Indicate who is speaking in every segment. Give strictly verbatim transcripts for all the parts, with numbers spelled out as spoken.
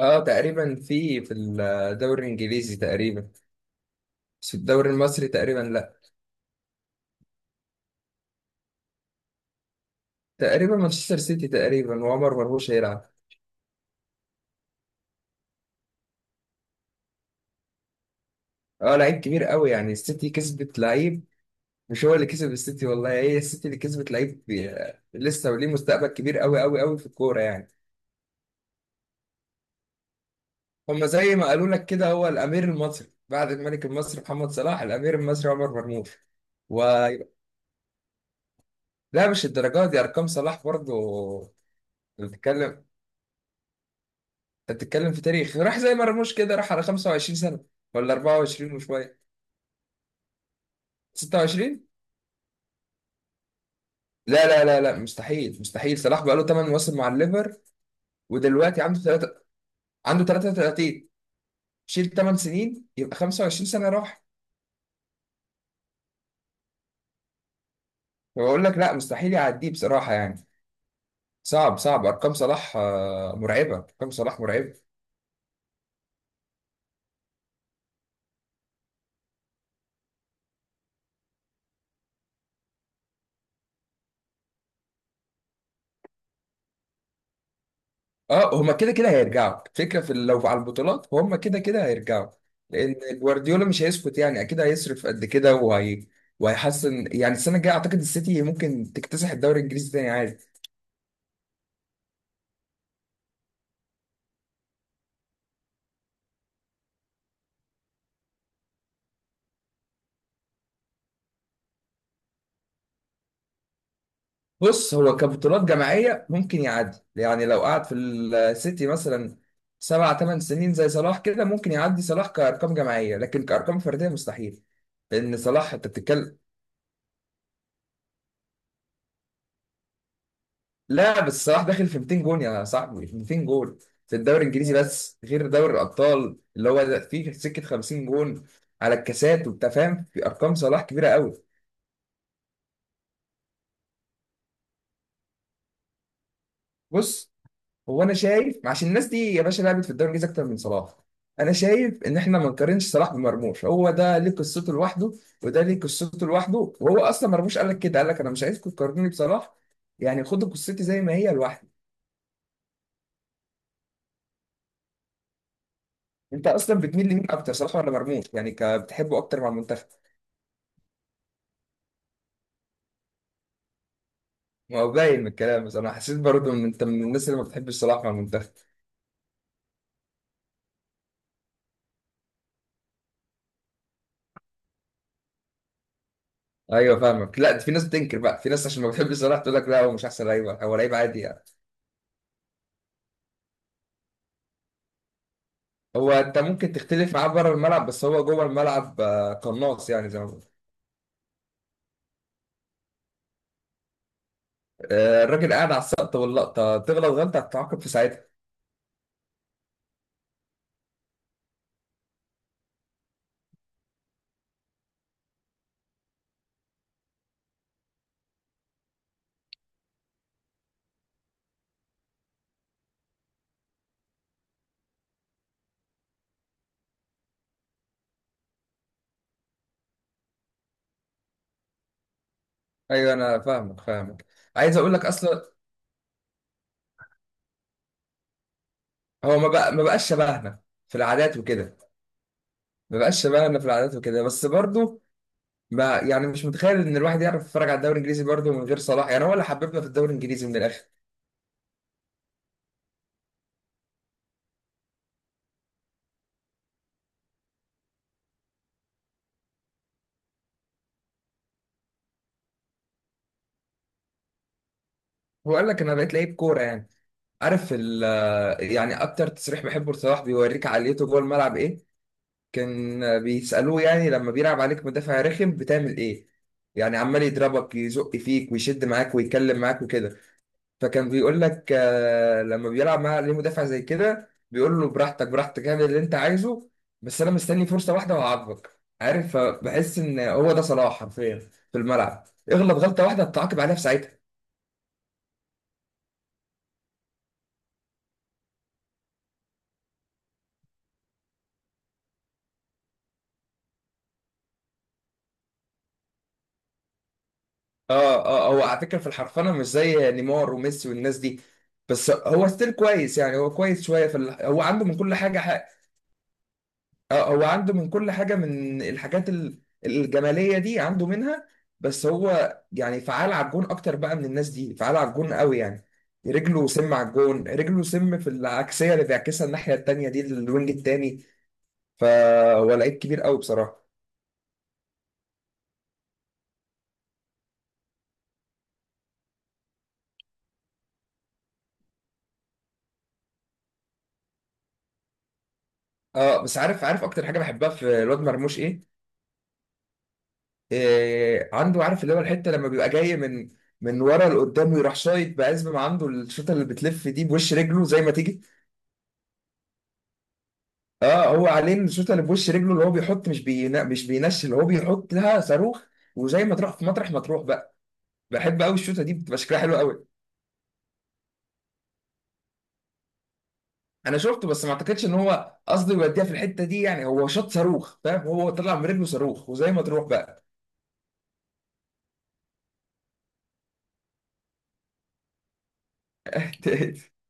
Speaker 1: اه، تقريبا في في الدوري الانجليزي تقريبا. بس في الدوري المصري تقريبا لا. تقريبا مانشستر سيتي تقريبا، وعمر مرموش هيلعب. اه، لعيب كبير قوي، يعني السيتي كسبت لعيب. مش هو اللي كسب السيتي والله، هي السيتي اللي كسبت لعيب بي- لسه وليه مستقبل كبير قوي قوي قوي في الكوره يعني. هما زي ما قالوا لك كده، هو الامير المصري بعد الملك المصري محمد صلاح، الامير المصري عمر مرموش. و لا، مش الدرجات دي ارقام صلاح برضه. بنتكلم. انت بتتكلم في تاريخ، راح زي مرموش كده، راح على خمسة وعشرين سنة سنه ولا أربعة وعشرين وشويه. ستة وعشرين. لا لا لا لا، مستحيل مستحيل، صلاح بقى له 8 مواسم مع الليفر. ودلوقتي عنده تلاتة. عنده تلاتة وتلاتين. شيل 8 سنين يبقى خمس وعشرين سنة سنه راح. فبقول لك لا، مستحيل يعديه بصراحه يعني. صعب صعب، ارقام صلاح آه، مرعبه، ارقام صلاح مرعبه. اه، هما كده كده هيرجعوا. الفكره في لو على البطولات، هما كده كده هيرجعوا. لان جوارديولا مش هيسكت، يعني اكيد هيصرف قد كده. وهي وهيحسن، يعني السنه الجايه اعتقد السيتي ممكن تكتسح الدوري الانجليزي تاني عادي. بص، هو كبطولات جماعيه ممكن يعدي، يعني لو قعد في السيتي مثلا سبع ثمان سنين زي صلاح كده، ممكن يعدي صلاح كارقام جماعيه، لكن كارقام فرديه مستحيل. لان صلاح، انت بتتكلم، لا، بس صلاح داخل في 200 جون يا صاحبي، 200 جون في الدوري الانجليزي بس، غير دوري الابطال اللي هو ده فيه سكه 50 جون على الكاسات وبتاع، فاهم؟ في ارقام صلاح كبيره قوي. بص، هو انا شايف، عشان الناس دي يا باشا لعبت في الدوري الانجليزي اكتر من صلاح. انا شايف ان احنا ما نقارنش صلاح بمرموش، هو ده ليه قصته لوحده، وده ليه قصته لوحده. وهو اصلا مرموش قال لك كده، قال لك انا مش عايزكم تقارنوني بصلاح، يعني خدوا قصتي زي ما هي لوحدي. انت اصلا بتميل لمين اكتر، صلاح ولا مرموش؟ يعني ك- بتحبه اكتر مع المنتخب؟ ما هو باين من الكلام، بس انا حسيت برضه ان انت من الناس اللي ما بتحبش صلاح مع المنتخب. ايوه، فاهمك. لا، ده في ناس بتنكر بقى، في ناس عشان ما بتحبش صلاح تقول لك لا هو مش احسن لعيب، هو لعيب عادي يعني. هو انت ممكن تختلف معاه بره الملعب، بس هو جوه الملعب آه، قناص، يعني زي ما بقول. آه، الراجل قاعد على السقطه واللقطه، تغلط غلطه هتتعاقب في ساعتها. ايوه انا فاهمك، فاهمك. عايز اقول لك اصلا، هو ما بقى ما بقاش شبهنا في العادات وكده، ما بقاش شبهنا في العادات وكده، بس برضه ما، يعني مش متخيل ان الواحد يعرف يتفرج على الدوري الانجليزي برضه من غير صلاح، يعني هو اللي حببنا في الدوري الانجليزي من الاخر. هو قال لك انا بقيت لعيب كوره يعني. عارف ال يعني اكتر تصريح بحبه لصلاح بيوريك عقليته جوه الملعب ايه، كان بيسالوه يعني لما بيلعب عليك مدافع رخم بتعمل ايه؟ يعني عمال يضربك، يزق فيك، ويشد معاك، ويتكلم معاك وكده. فكان بيقول لك آه، لما بيلعب معاه ليه مدافع زي كده، بيقول له براحتك براحتك، اعمل اللي انت عايزه، بس انا مستني فرصه واحده وهعاقبك. عارف، فبحس ان هو ده صلاح حرفيا في الملعب، اغلط غلطه واحده بتعاقب عليها في ساعتها. اه اه اه، هو على فكره في الحرفنه مش زي نيمار وميسي والناس دي، بس هو ستيل كويس، يعني هو كويس. شويه في ال... هو عنده من كل حاجه. اه، هو عنده من كل حاجة، من الحاجات ال- الجمالية دي عنده منها، بس هو يعني فعال على الجون أكتر بقى من الناس دي، فعال على الجون قوي يعني. رجله سم على الجون، رجله سم في العكسية اللي بيعكسها الناحية التانية دي للوينج التاني. فهو لعيب كبير قوي بصراحة. اه، بس عارف عارف أكتر حاجة بحبها في الواد مرموش إيه؟ إيه عنده؟ عارف اللي هو الحتة لما بيبقى جاي من من ورا لقدام، ويروح شايط بقى، ما عنده الشوطة اللي بتلف دي بوش رجله زي ما تيجي. اه، هو عليه الشوطه اللي في وش رجله، اللي هو بيحط، مش بينا مش بينشل، هو بيحط لها صاروخ، وزي ما تروح في مطرح ما تروح بقى. بحب قوي الشوطه دي، بتبقى شكلها حلو قوي. انا شفته، بس ما اعتقدش ان هو قصده يوديها في الحته دي، يعني هو شاط صاروخ، فاهم؟ هو طلع من رجله صاروخ، وزي ما تروح بقى.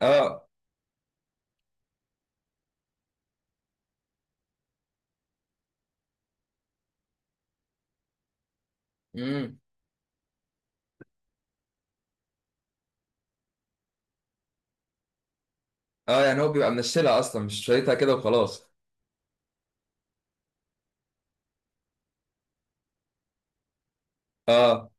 Speaker 1: اه. امم. اه، يعني هو بيبقى منشلها اصلا، مش شايطها كده وخلاص. اه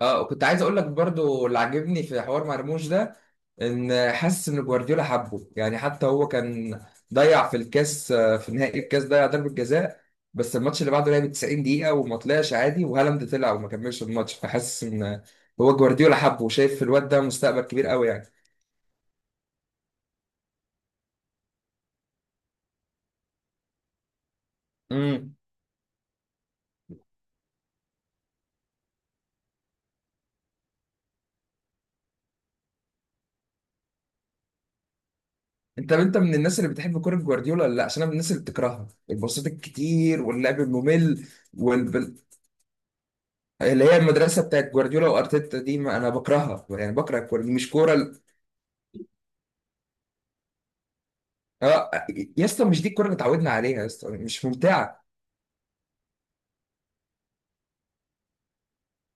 Speaker 1: اه، كنت عايز اقول لك برضو، اللي عاجبني في حوار مرموش ده، ان حاسس ان جوارديولا حبه، يعني حتى هو كان ضيع في الكاس آه، في نهائي الكاس، ضيع ضربة جزاء، بس الماتش اللي بعده لعب 90 دقيقة وما طلعش عادي، وهالاند طلع وما كملش الماتش، فحاسس ان هو جوارديولا حبه، وشايف في الواد ده مستقبل كبير قوي يعني. امم. انت انت من الناس اللي بتحب كرة جوارديولا ولا لا؟ عشان انا من الناس اللي بتكرهها، الباصات الكتير واللعب الممل، اللي هي المدرسه بتاعت جوارديولا وارتيتا دي. ما انا بكرهها يعني، بكره الكوره دي، مش كوره ال- اه، يا اسطى مش دي الكوره اللي اتعودنا عليها يا اسطى، مش ممتعه.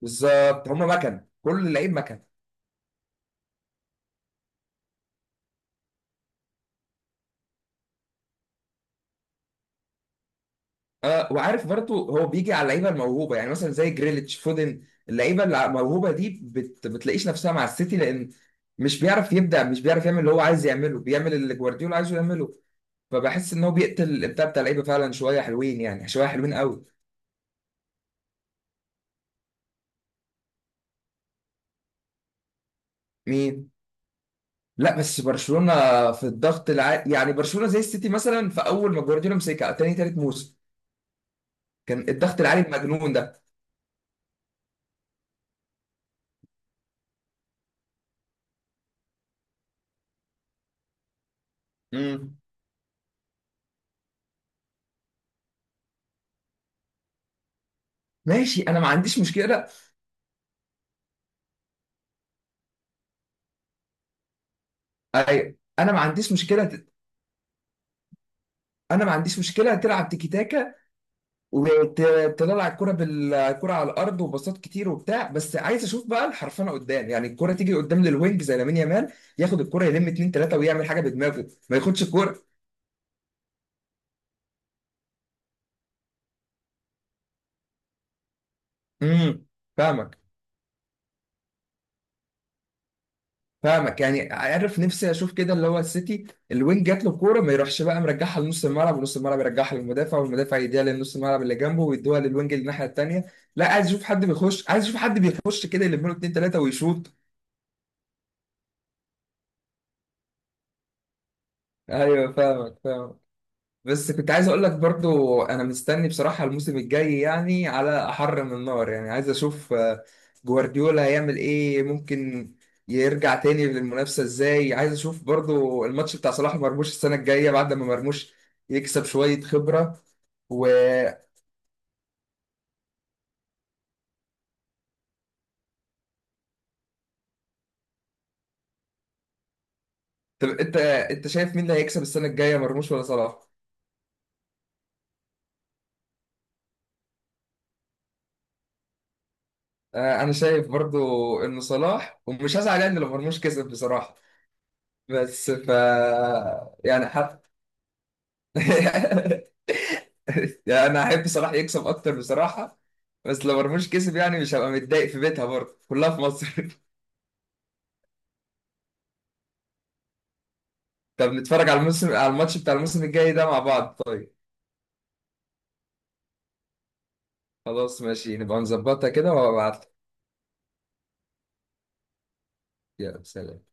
Speaker 1: بالظبط، هم مكن كل اللعيب مكن. اه، وعارف برضه، هو بيجي على اللعيبه الموهوبه، يعني مثلا زي جريليتش، فودن، اللعيبه اللي الموهوبه دي بت... بتلاقيش نفسها مع السيتي، لان مش بيعرف يبدع، مش بيعرف يعمل اللي هو عايز يعمله، بيعمل اللي جوارديولا عايزه يعمله. فبحس ان هو بيقتل الابداع بتاع اللعيبه فعلا، شويه حلوين يعني، شويه حلوين قوي. مين؟ لا، بس برشلونة في الضغط العالي، يعني برشلونة زي السيتي مثلا في أول ما جوارديولا مسكها، تاني تالت موسم كان الضغط العالي المجنون ده. امم. ماشي، أنا ما عنديش مشكلة. أيوة، أنا ما عنديش مشكلة ت- أنا ما عنديش مشكلة تلعب تيكي تاكا، وتطلع الكرة بالكرة على الأرض، وباصات كتير وبتاع، بس عايز أشوف بقى الحرفنة قدام، يعني الكرة تيجي قدام للوينج زي لامين يامال، ياخد الكرة يلم اتنين تلاتة ويعمل حاجة بدماغه، ما ياخدش الكرة. امم. فاهمك، فاهمك. يعني عارف نفسي اشوف كده، اللي هو السيتي، الوينج جات له الكوره، ما يروحش بقى مرجعها لنص الملعب، ونص الملعب يرجعها للمدافع، والمدافع يديها لنص الملعب اللي جنبه، ويدوها للوينج اللي الناحيه التانيه. لا، عايز اشوف حد بيخش، عايز اشوف حد بيخش كده، يلم له اتنين تلاته ويشوط. ايوه، فاهمك، فاهمك. بس كنت عايز اقول لك برضو، انا مستني بصراحة الموسم الجاي، يعني على احر من النار، يعني عايز اشوف آه، جوارديولا هيعمل ايه؟ ممكن يرجع تاني للمنافسة ازاي؟ عايز اشوف برضو الماتش بتاع صلاح مرموش السنة الجاية بعد ما مرموش يكسب شوية خبرة. و طب انت انت شايف مين اللي هيكسب السنة الجاية، مرموش ولا صلاح؟ آه، انا شايف برضو انه صلاح، ومش هزعل يعني لو مرموش كسب بصراحة، بس ف يعني يعني انا احب صلاح يكسب اكتر بصراحه، بس لو مرموش كسب يعني مش هبقى متضايق، في بيتها برضه، كلها في مصر. طب نتفرج على الموسم، على الماتش بتاع الموسم الجاي ده مع بعض طيب. خلاص، ماشي، نبقى نظبطها كده وهبعت لك. يلا سلام.